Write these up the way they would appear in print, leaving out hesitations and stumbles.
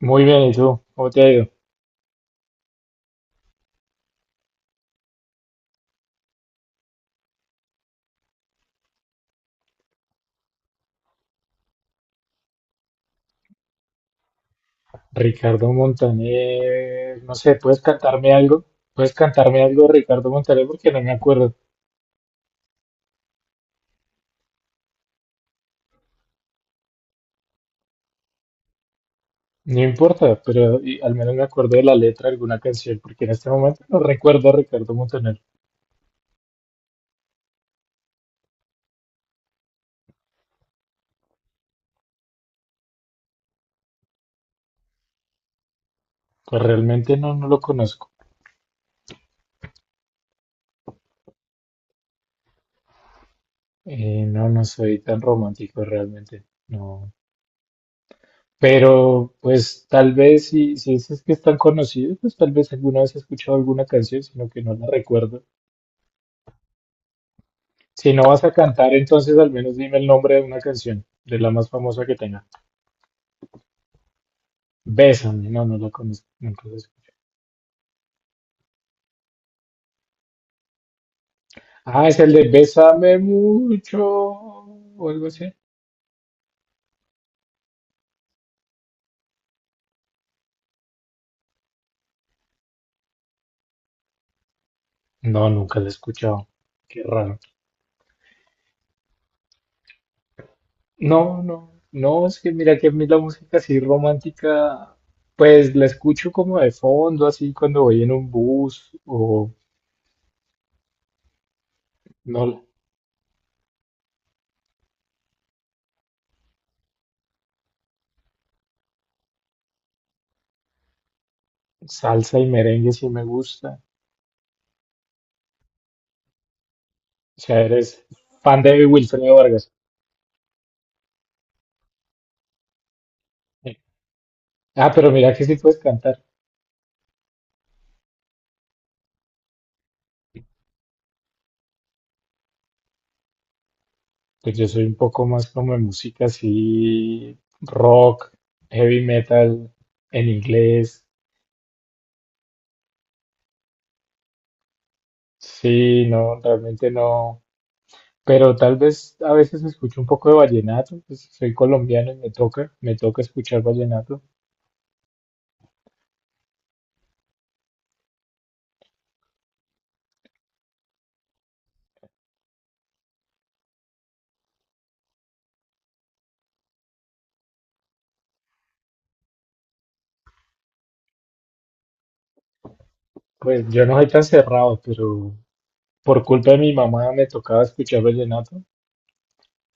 Muy bien, ¿y tú? ¿Cómo te ha ido? Ricardo Montaner, no sé, ¿puedes cantarme algo? ¿Puedes cantarme algo, Ricardo Montaner? Porque no me acuerdo. No importa, pero al menos me acuerdo de la letra de alguna canción, porque en este momento no recuerdo a Ricardo Montaner. Pues realmente no, no lo conozco. No, no soy tan romántico realmente, no. Pero pues tal vez si dices que es tan conocido, pues tal vez alguna vez he escuchado alguna canción, sino que no la recuerdo. Si no vas a cantar, entonces al menos dime el nombre de una canción, de la más famosa que tenga. Bésame, no, no la conozco. Nunca la escuché. Ah, es el de Bésame mucho o algo así. No, nunca la he escuchado. Qué raro. No, no, no, es que mira que a mí la música así romántica, pues la escucho como de fondo, así cuando voy en un bus o no, salsa y merengue si me gusta. O sea, eres fan de Wilfredo Vargas. Sí. Ah, pero mira que sí puedes cantar. Pues yo soy un poco más como de música así, rock, heavy metal, en inglés. Sí, no, realmente no. Pero tal vez a veces escucho un poco de vallenato, pues soy colombiano y me toca escuchar vallenato. Pues yo no soy tan cerrado, pero por culpa de mi mamá me tocaba escuchar vallenato.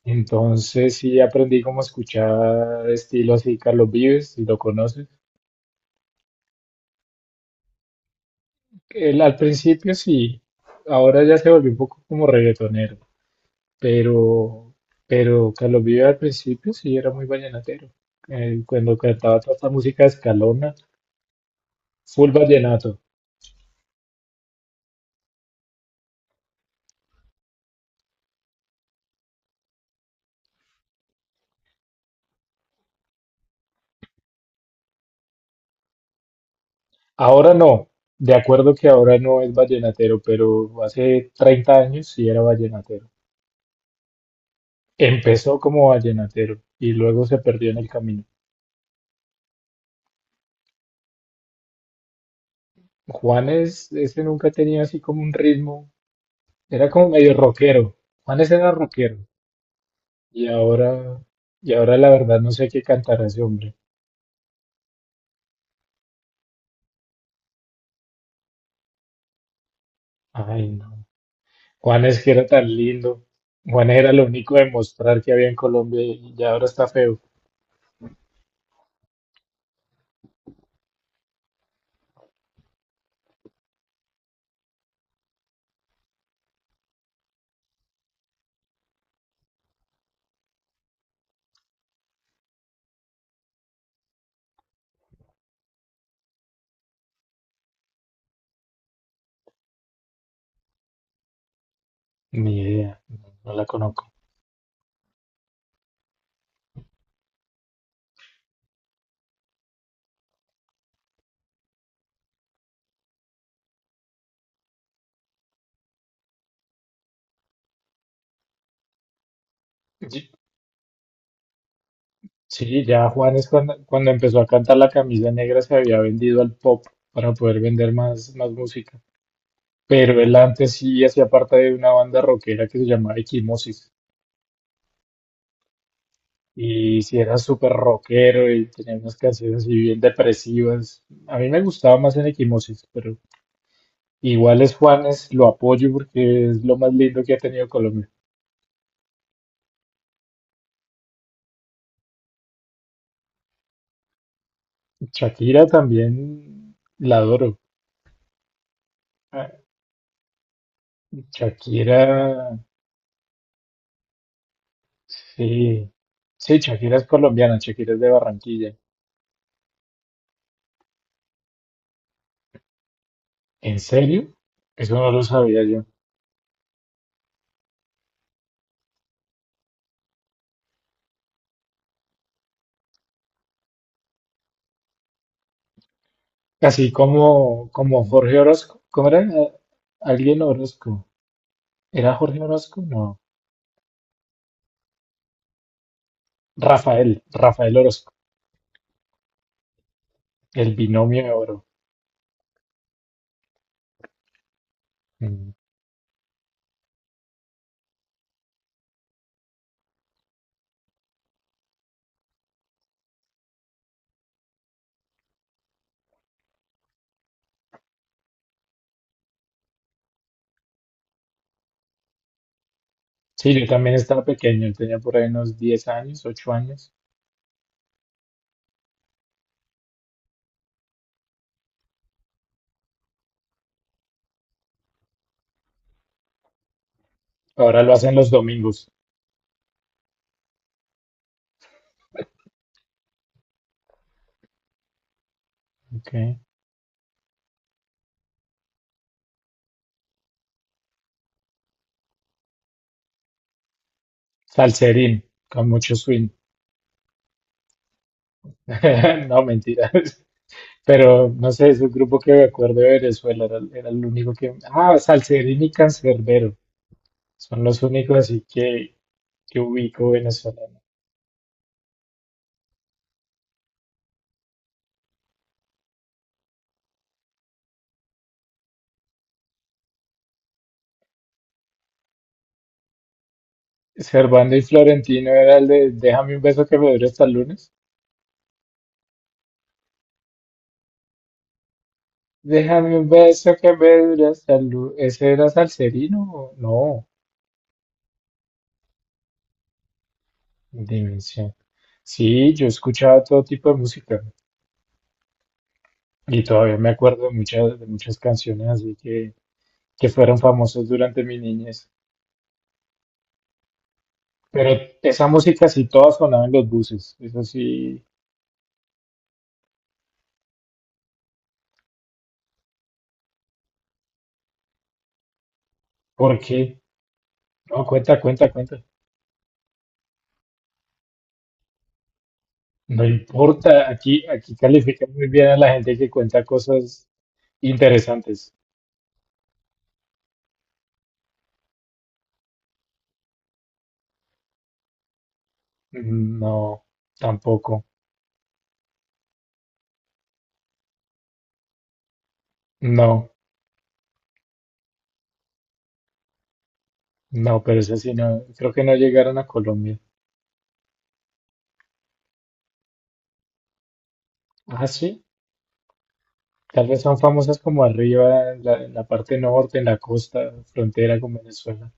Entonces sí aprendí cómo escuchar estilo así, Carlos Vives, si lo conoces. Él al principio sí, ahora ya se volvió un poco como reggaetonero, pero, pero Carlos Vive al principio sí era muy vallenatero. Cuando cantaba toda esta música escalona, full vallenato. Ahora no, de acuerdo que ahora no es vallenatero, pero hace 30 años sí era vallenatero. Empezó como vallenatero y luego se perdió en el camino. Juanes, ese nunca tenía así como un ritmo, era como medio rockero. Juanes era rockero. Y ahora, y ahora la verdad no sé qué cantará ese hombre. Ay, no. Juanes que era tan lindo. Juanes era lo único de mostrar que había en Colombia y ya ahora está feo. Ni idea, no, no la conozco. Y- Sí, ya Juanes cuando empezó a cantar La Camisa Negra se había vendido al pop para poder vender más, más música. Pero él antes sí hacía parte de una banda rockera que se llamaba Equimosis. Y si era súper rockero y tenía unas canciones así bien depresivas. A mí me gustaba más en Equimosis, pero igual es Juanes, lo apoyo porque es lo más lindo que ha tenido Colombia. Shakira también la adoro. Ah, Shakira, sí. Sí, Shakira es colombiana, Shakira es de Barranquilla. ¿En serio? Eso no lo sabía yo. Así como, como Jorge Orozco. ¿Cómo era? Alguien Orozco. ¿Era Jorge Orozco? No. Rafael, Rafael Orozco. El binomio de oro. Mm. Sí, yo también estaba pequeño, tenía por ahí unos 10 años, 8 años. Ahora lo hacen los domingos. Ok. Salserín, con mucho swing. No, mentira. Pero no sé, es un grupo que me acuerdo de Venezuela, era el único que... Ah, Salserín y Cancerbero. Son los únicos así que ubico venezolano. Servando y Florentino era el de Déjame un beso que me dure hasta el lunes. Déjame un beso que me dure hasta el lunes. ¿Ese era Salserino? No. Dimensión. Sí, yo escuchaba todo tipo de música y todavía me acuerdo de muchas canciones así que fueron famosas durante mi niñez. Pero esa música sí todas sonaban en los buses. Eso sí, ¿por qué? No, cuenta, cuenta, cuenta. No importa, aquí, aquí califican muy bien a la gente que cuenta cosas interesantes. No, tampoco. No, no, pero eso sí no. Creo que no llegaron a Colombia. Ah, sí. Tal vez son famosas como arriba, en la parte norte, en la costa, frontera con Venezuela.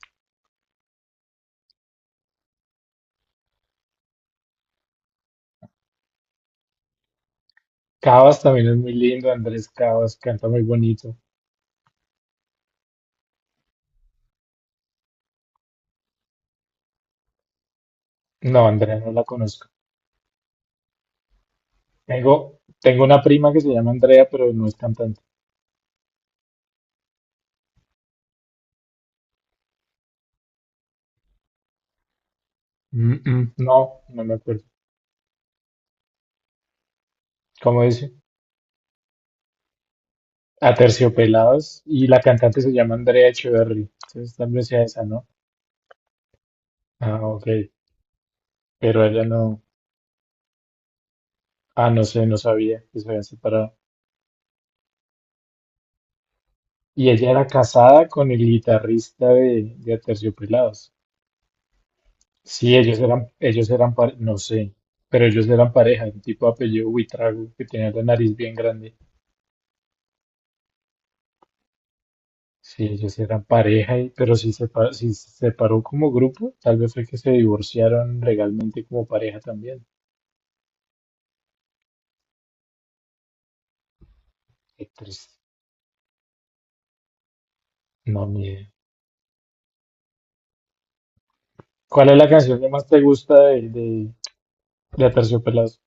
Cavas también es muy lindo, Andrés Cavas canta muy bonito. No, Andrea no la conozco. Tengo, tengo una prima que se llama Andrea, pero no es cantante. Mm, mm, no, no me acuerdo. ¿Cómo dice? Aterciopelados y la cantante se llama Andrea Echeverry. Entonces tal vez sea esa, ¿no? Ah, ok. Pero ella no. Ah, no sé, no sabía que se habían separado. Y ella era casada con el guitarrista de Aterciopelados. Sí, ellos eran, pare- no sé, pero ellos eran pareja, un tipo de apellido Buitrago que tenía la nariz bien grande. Sí, ellos eran pareja, pero si se, pa- si se separó como grupo, tal vez fue que se divorciaron legalmente como pareja también. Qué triste. No, ni idea. ¿Cuál es la canción que más te gusta de Aterciopelados?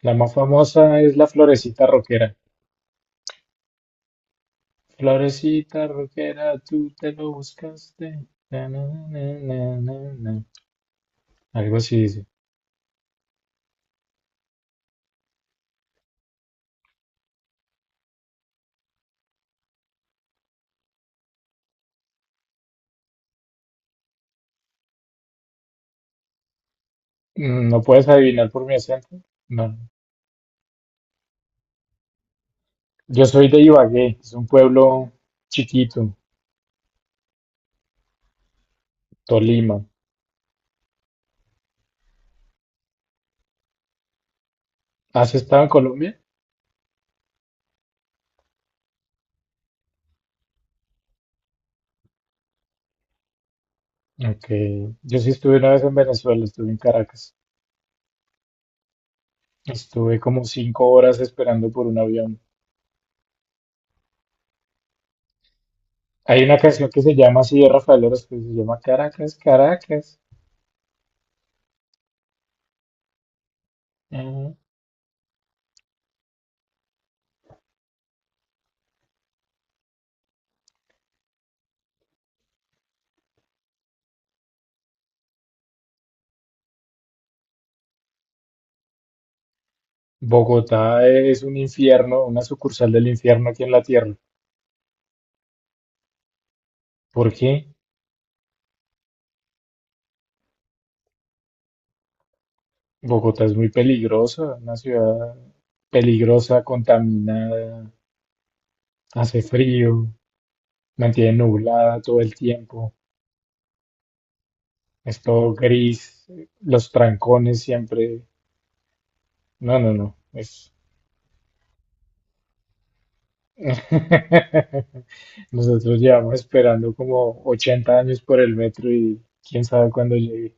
La más famosa es La Florecita Rockera. Florecita Rockera, tú te lo buscaste. Na, na, na, na, na, na. Algo así dice. Mm, no puedes adivinar por mi acento. No. Yo soy de Ibagué, es un pueblo chiquito, Tolima. ¿Has estado en Colombia? Ok. Yo sí estuve una vez en Venezuela, estuve en Caracas. Estuve como 5 horas esperando por un avión. Hay una canción que se llama así de Rafael Orozco, que se llama Caracas, Caracas. Ujú. Bogotá es un infierno, una sucursal del infierno aquí en la tierra. ¿Por qué? Bogotá es muy peligrosa, una ciudad peligrosa, contaminada. Hace frío, mantiene nublada todo el tiempo, es todo gris, los trancones siempre. No, no, no. Es... Nosotros llevamos esperando como 80 años por el metro y quién sabe cuándo llegue.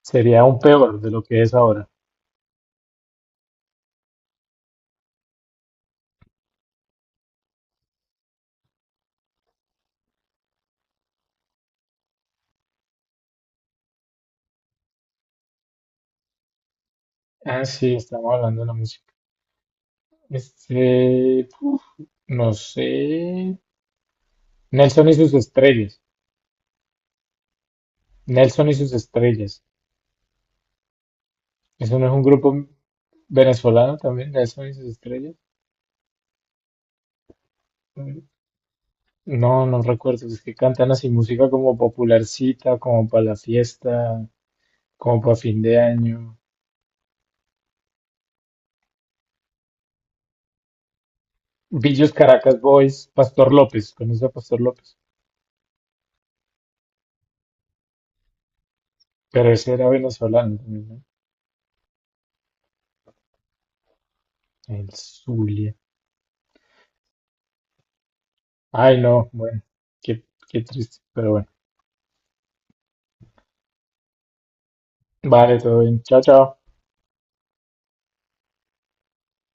Sería aún peor de lo que es ahora. Ah, sí, estamos hablando de la música. Este, uf, no sé. Nelson y sus estrellas. Nelson y sus estrellas. ¿Eso no es un grupo venezolano también? Nelson y sus estrellas. No, no recuerdo. Es que cantan así música como popularcita, como para la fiesta, como para fin de año. Villos Caracas Boys, Pastor López, conoce a Pastor López. Pero ese era venezolano también, ¿no? El Zulia. Ay, no, bueno, qué, qué triste, pero bueno. Vale, todo bien. Chao, chao.